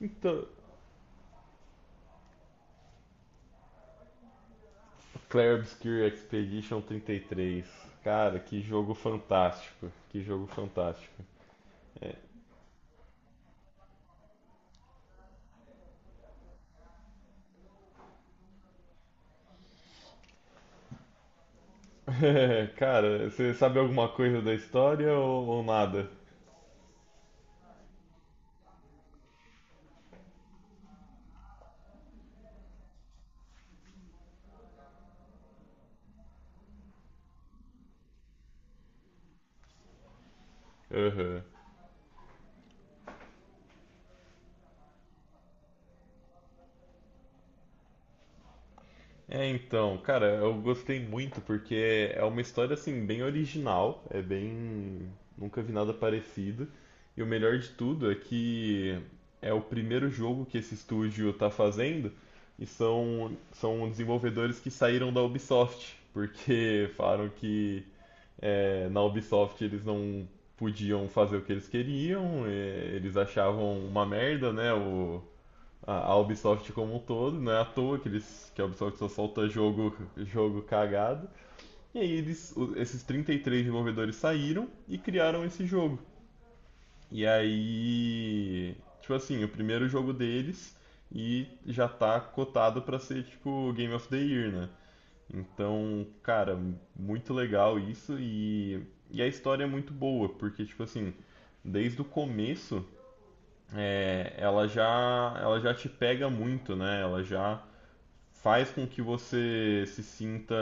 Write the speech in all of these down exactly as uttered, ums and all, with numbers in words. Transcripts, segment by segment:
Então, Clair Obscure Expedition trinta e três. Cara, que jogo fantástico. Que jogo fantástico. É. Cara, você sabe alguma coisa da história ou, ou nada? Aham. É, então, cara, eu gostei muito porque é uma história assim bem original, é bem, nunca vi nada parecido. E o melhor de tudo é que é o primeiro jogo que esse estúdio tá fazendo e são são desenvolvedores que saíram da Ubisoft, porque falaram que é, na Ubisoft eles não podiam fazer o que eles queriam, é, eles achavam uma merda, né, o a a Ubisoft como um todo, não é à toa que, eles, que a Ubisoft só solta jogo, jogo cagado. E aí eles, o- esses trinta e três desenvolvedores saíram e criaram esse jogo. E aí, tipo assim, o primeiro jogo deles e já tá cotado pra ser tipo Game of the Year, né? Então, cara, muito legal isso e, e a história é muito boa, porque tipo assim, desde o começo, é, ela já ela já te pega muito, né? Ela já faz com que você se sinta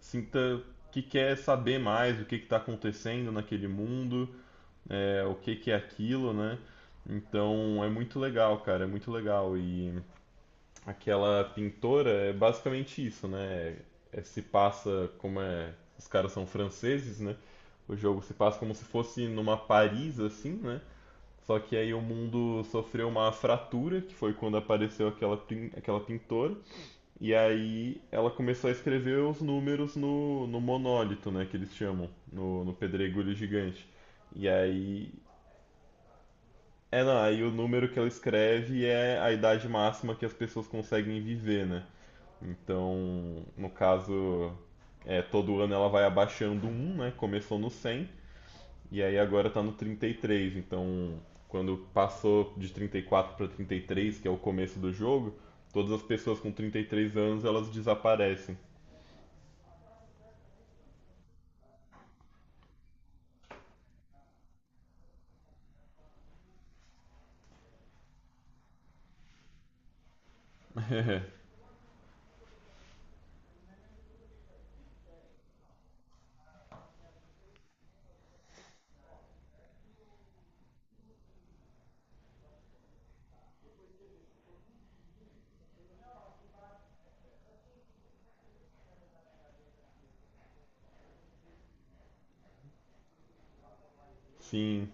sinta que quer saber mais o que está acontecendo naquele mundo, é, o que, que é aquilo, né? Então é muito legal, cara, é muito legal. E aquela pintora é basicamente isso, né? É, se passa como é. Os caras são franceses, né? O jogo se passa como se fosse numa Paris, assim, né? Só que aí o mundo sofreu uma fratura, que foi quando apareceu aquela, pin- aquela pintora. E aí ela começou a escrever os números no, no monólito, né, que eles chamam, no, no pedregulho gigante. E aí, é, não, aí o número que ela escreve é a idade máxima que as pessoas conseguem viver, né? Então, no caso, é, todo ano ela vai abaixando um, né? Começou no cem e aí agora tá no trinta e três. Então, quando passou de trinta e quatro para trinta e três, que é o começo do jogo, todas as pessoas com trinta e três anos elas desaparecem. Sim,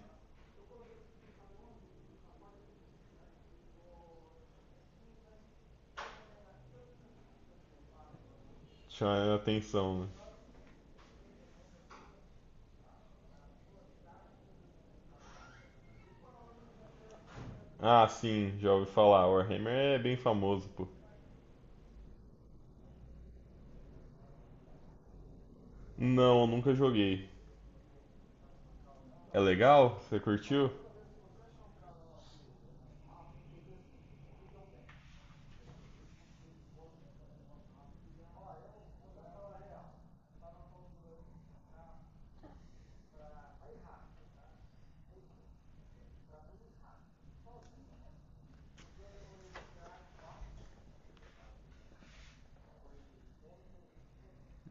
chama atenção, né? Ah, sim, já ouvi falar. Warhammer é bem famoso, pô. Não, nunca joguei. É legal? Você curtiu?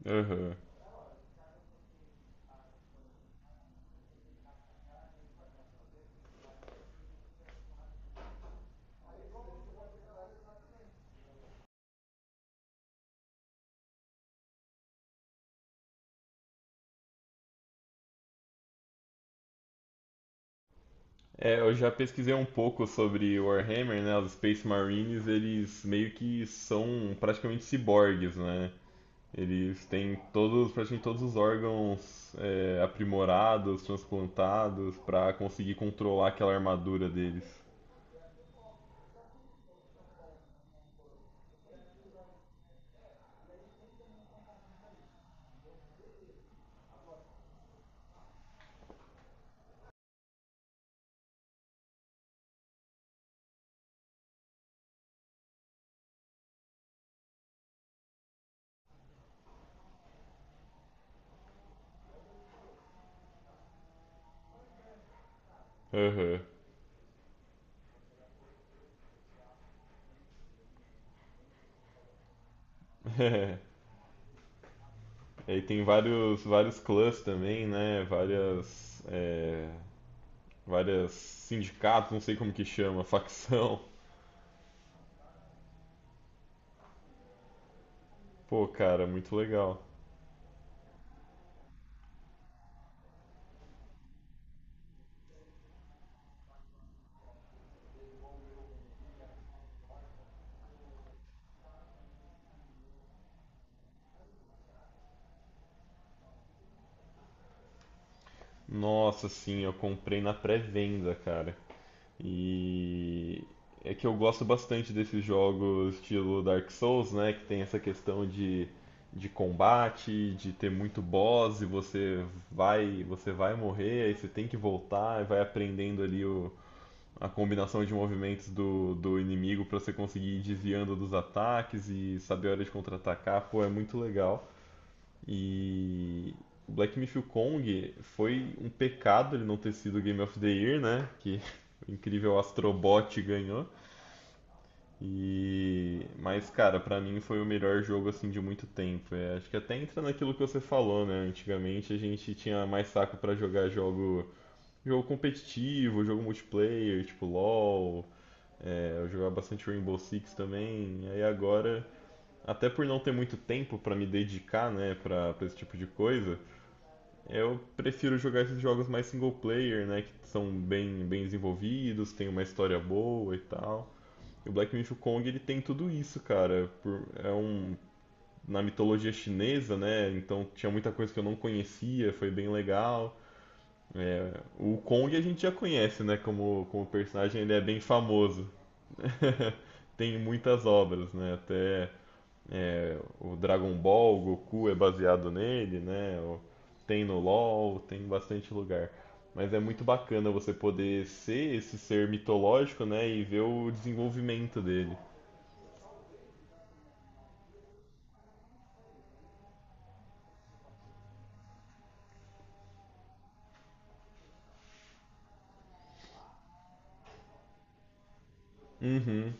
Aham. É, eu já pesquisei um pouco sobre Warhammer, né? Os Space Marines, eles meio que são praticamente ciborgues, né? Eles têm todos, praticamente todos os órgãos é, aprimorados, transplantados, pra conseguir controlar aquela armadura deles. Aham. Aí tem vários, vários clãs também, né? Várias, é, várias sindicatos, não sei como que chama, facção. Pô, cara, muito legal. Nossa, sim, eu comprei na pré-venda, cara. E é que eu gosto bastante desses jogos estilo Dark Souls, né? Que tem essa questão de, de combate, de ter muito boss e você vai, você vai morrer, aí você tem que voltar e vai aprendendo ali o, a combinação de movimentos do, do inimigo pra você conseguir ir desviando dos ataques e saber a hora de contra-atacar, pô, é muito legal. E o Black Myth Kong foi um pecado ele não ter sido Game of the Year, né? Que o incrível Astrobot ganhou. E mas, cara, pra mim foi o melhor jogo assim de muito tempo. É, acho que até entra naquilo que você falou, né? Antigamente a gente tinha mais saco pra jogar jogo jogo competitivo, jogo multiplayer, tipo LoL, é, eu jogava bastante Rainbow Six também, aí agora, até por não ter muito tempo pra me dedicar, né, pra, pra esse tipo de coisa, eu prefiro jogar esses jogos mais single player, né, que são bem, bem desenvolvidos, tem uma história boa e tal. E o Black Myth Kong, ele tem tudo isso, cara. Por- é um na mitologia chinesa, né? Então tinha muita coisa que eu não conhecia, foi bem legal. É, o Kong a gente já conhece, né? Como, como personagem, ele é bem famoso. Tem muitas obras, né? Até é, o Dragon Ball, o Goku é baseado nele, né? O- Tem no LoL, tem em bastante lugar. Mas é muito bacana você poder ser esse ser mitológico, né? E ver o desenvolvimento dele. Uhum.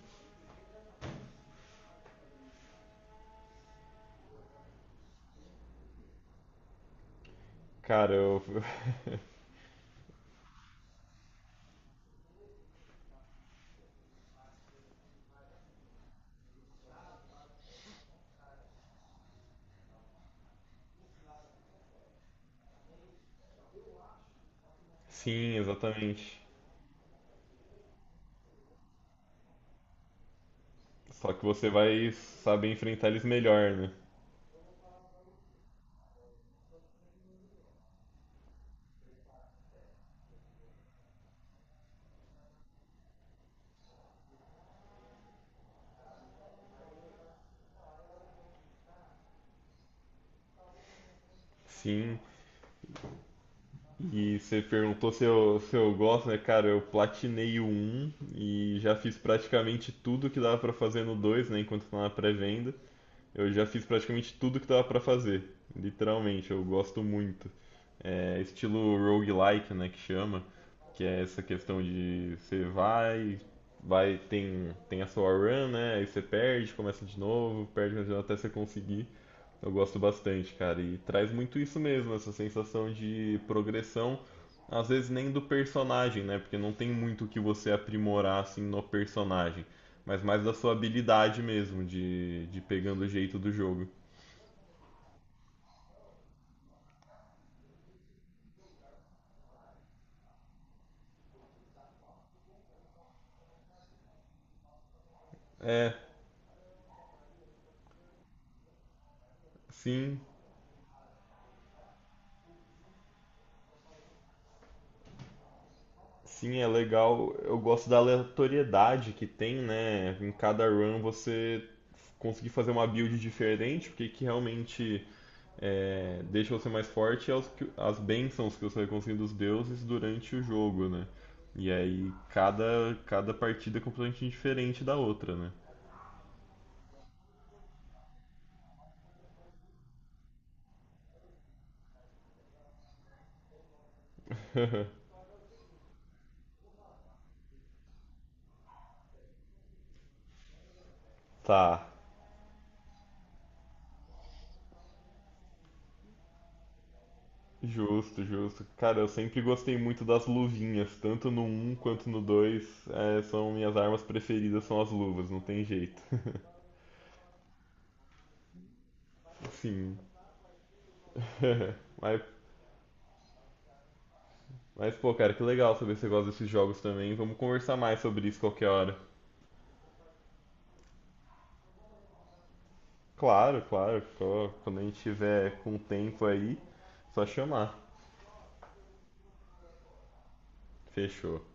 Cara, eu... Sim, exatamente. Só que você vai saber enfrentar eles melhor, né? Sim. E você perguntou se eu, se eu gosto, né? Cara, eu platinei o um e já fiz praticamente tudo que dava pra fazer no dois, né? Enquanto tá na pré-venda. Eu já fiz praticamente tudo que dava pra fazer. Literalmente, eu gosto muito. É estilo roguelike, né? Que chama. Que é essa questão de você vai, vai, tem, tem a sua run, né? Aí você perde, começa de novo, perde até você conseguir. Eu gosto bastante, cara, e traz muito isso mesmo, essa sensação de progressão, às vezes nem do personagem, né? Porque não tem muito o que você aprimorar assim no personagem, mas mais da sua habilidade mesmo, de, de pegando o jeito do jogo. É, sim, sim, é legal. Eu gosto da aleatoriedade que tem, né? Em cada run você conseguir fazer uma build diferente, porque que realmente é, deixa você mais forte aos, que- as bênçãos que você vai conseguindo dos deuses durante o jogo, né? E aí cada, cada partida é completamente diferente da outra, né? Tá. Justo, justo. Cara, eu sempre gostei muito das luvinhas, tanto no um quanto no dois. é, são minhas armas preferidas, são as luvas, não tem jeito. Sim. Mas, mas, pô, cara, que legal saber que você gosta desses jogos também. Vamos conversar mais sobre isso qualquer hora. Claro, claro. Quando a gente tiver com tempo aí, só chamar. Fechou.